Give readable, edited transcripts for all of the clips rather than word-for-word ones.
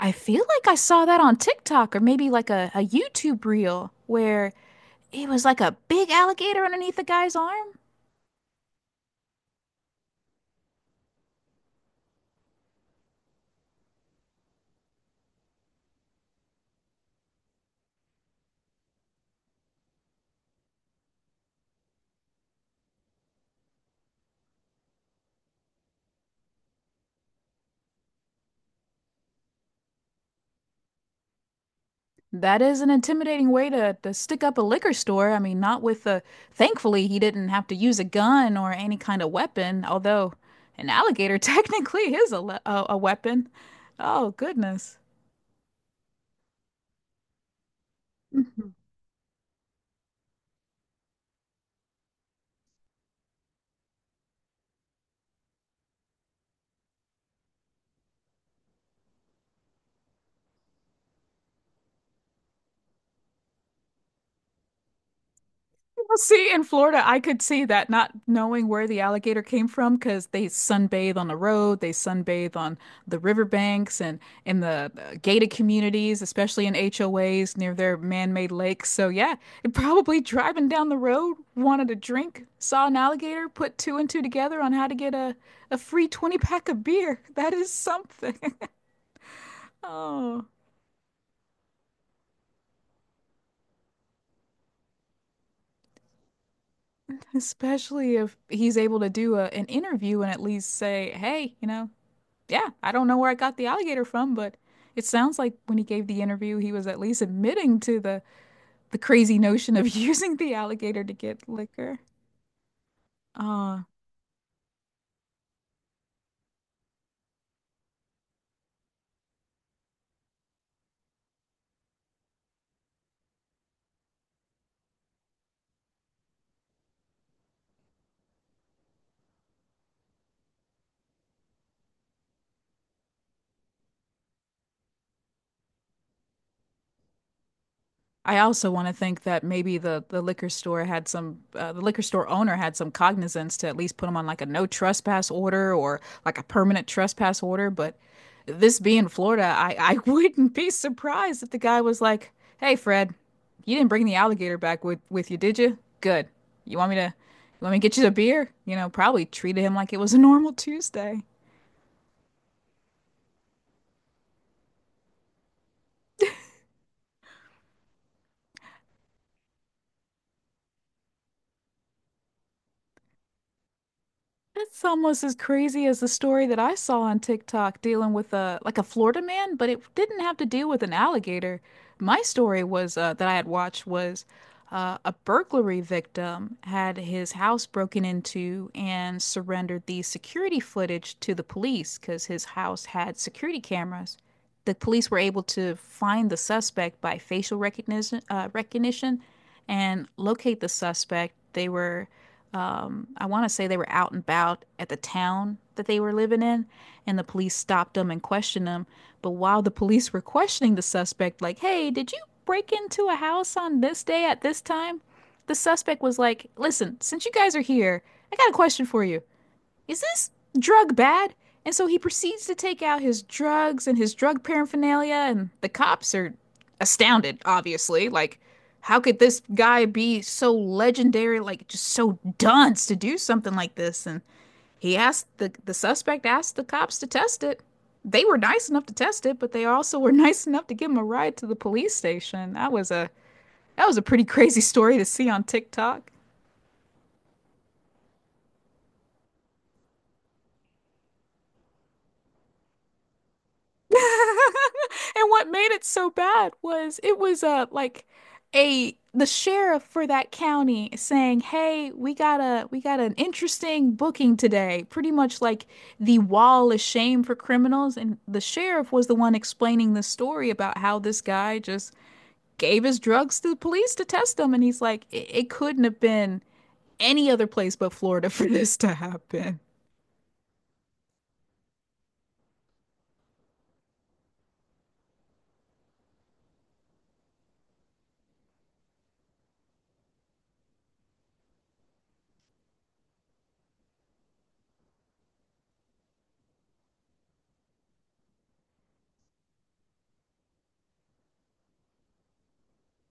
I feel like I saw that on TikTok or maybe like a YouTube reel where it was like a big alligator underneath the guy's arm. That is an intimidating way to stick up a liquor store. I mean, not with a, thankfully, he didn't have to use a gun or any kind of weapon, although an alligator technically is a weapon. Oh, goodness. Well, see, in Florida, I could see that not knowing where the alligator came from because they sunbathe on the road, they sunbathe on the riverbanks and in the gated communities, especially in HOAs near their man-made lakes. So yeah, it probably driving down the road, wanted a drink, saw an alligator, put two and two together on how to get a free 20 pack of beer. That is something. Oh, especially if he's able to do an interview and at least say, hey, you know, yeah, I don't know where I got the alligator from, but it sounds like when he gave the interview, he was at least admitting to the crazy notion of using the alligator to get liquor. Uh, I also want to think that maybe the liquor store had some the liquor store owner had some cognizance to at least put him on like a no trespass order or like a permanent trespass order. But this being Florida, I wouldn't be surprised if the guy was like, "Hey, Fred, you didn't bring the alligator back with you, did you? Good. You want me to get you a beer? You know, probably treated him like it was a normal Tuesday." That's almost as crazy as the story that I saw on TikTok dealing with a like a Florida man, but it didn't have to deal with an alligator. My story was that I had watched was a burglary victim had his house broken into and surrendered the security footage to the police because his house had security cameras. The police were able to find the suspect by facial recognition, recognition and locate the suspect. They were I want to say they were out and about at the town that they were living in, and the police stopped them and questioned them. But while the police were questioning the suspect, like, hey, did you break into a house on this day at this time? The suspect was like, listen, since you guys are here, I got a question for you, is this drug bad? And so he proceeds to take out his drugs and his drug paraphernalia, and the cops are astounded, obviously. Like, how could this guy be so legendary, like just so dunce to do something like this? And he asked the suspect asked the cops to test it. They were nice enough to test it, but they also were nice enough to give him a ride to the police station. That was a pretty crazy story to see on TikTok. And what made it so bad was it was like a the sheriff for that county saying, "Hey, we got an interesting booking today." Pretty much like the wall of shame for criminals, and the sheriff was the one explaining the story about how this guy just gave his drugs to the police to test them, and he's like, "It couldn't have been any other place but Florida for this to happen."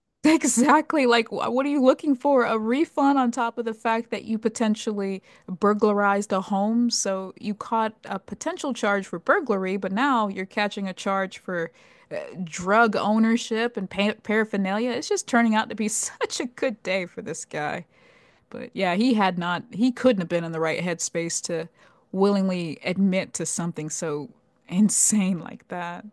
Exactly. Like, what are you looking for? A refund on top of the fact that you potentially burglarized a home. So you caught a potential charge for burglary, but now you're catching a charge for drug ownership and pa paraphernalia. It's just turning out to be such a good day for this guy. But yeah, he had not, he couldn't have been in the right headspace to willingly admit to something so insane like that.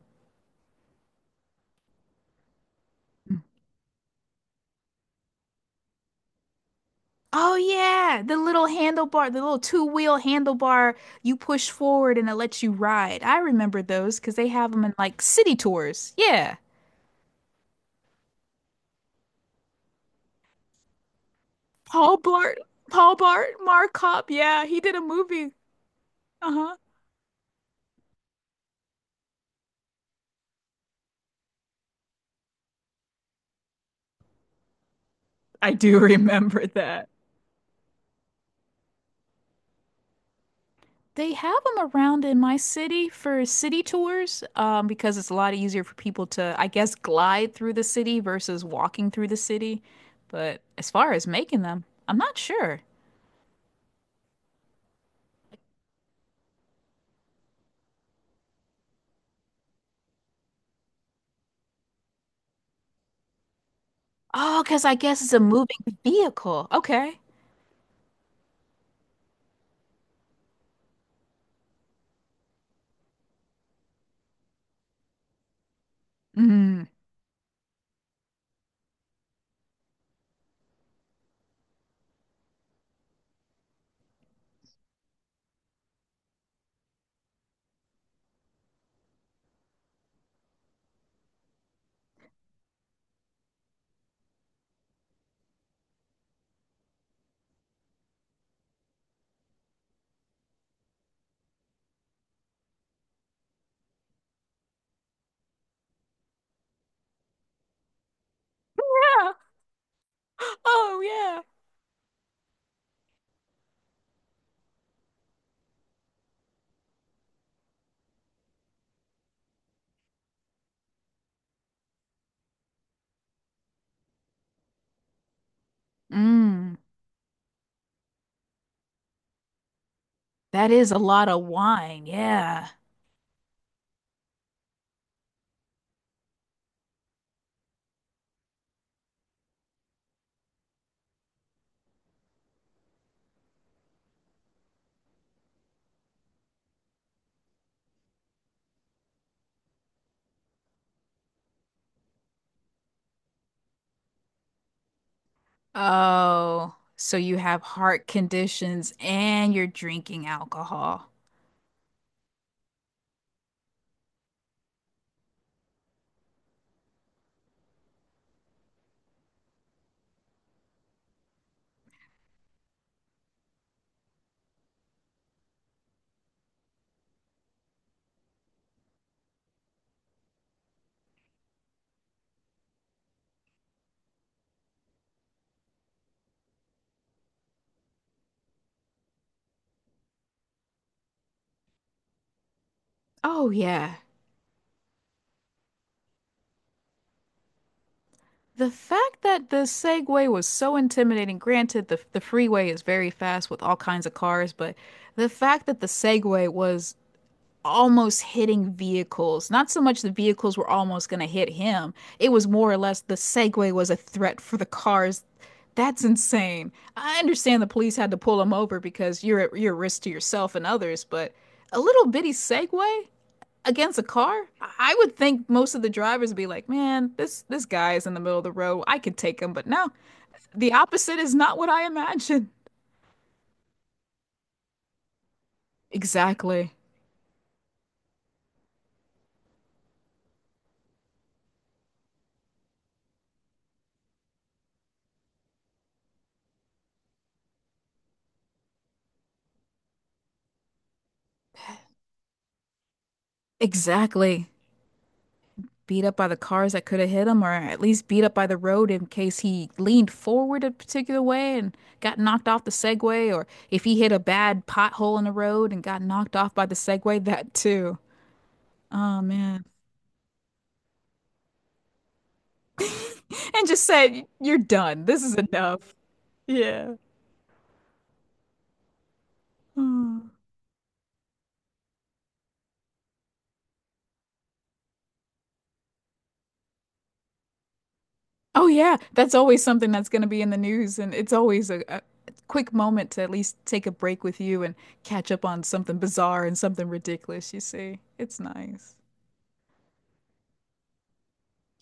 Oh yeah, the little handlebar, the little two-wheel handlebar you push forward and it lets you ride. I remember those because they have them in like city tours. Yeah. Paul Blart, Paul Blart, Mark Cop. Yeah, he did a movie. Uh-huh. I do remember that. They have them around in my city for city tours, because it's a lot easier for people to, I guess, glide through the city versus walking through the city. But as far as making them, I'm not sure. Oh, because I guess it's a moving vehicle. Okay. Mm. Yeah. Oh, yeah. Mm. That is a lot of wine. Yeah. Oh, so you have heart conditions and you're drinking alcohol. Oh, yeah. The fact that the Segway was so intimidating, granted, the freeway is very fast with all kinds of cars, but the fact that the Segway was almost hitting vehicles. Not so much the vehicles were almost going to hit him. It was more or less the Segway was a threat for the cars. That's insane. I understand the police had to pull him over because you're at your risk to yourself and others, but a little bitty Segway against a car? I would think most of the drivers would be like, "Man, this guy is in the middle of the road. I could take him." But no, the opposite is not what I imagined. Exactly. Exactly. Beat up by the cars that could have hit him, or at least beat up by the road in case he leaned forward a particular way and got knocked off the Segway, or if he hit a bad pothole in the road and got knocked off by the Segway, that too. Oh man. And just said, you're done. This is enough. Yeah. Mm. Oh yeah, that's always something that's going to be in the news, and it's always a quick moment to at least take a break with you and catch up on something bizarre and something ridiculous, you see. It's nice.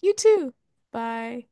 You too. Bye.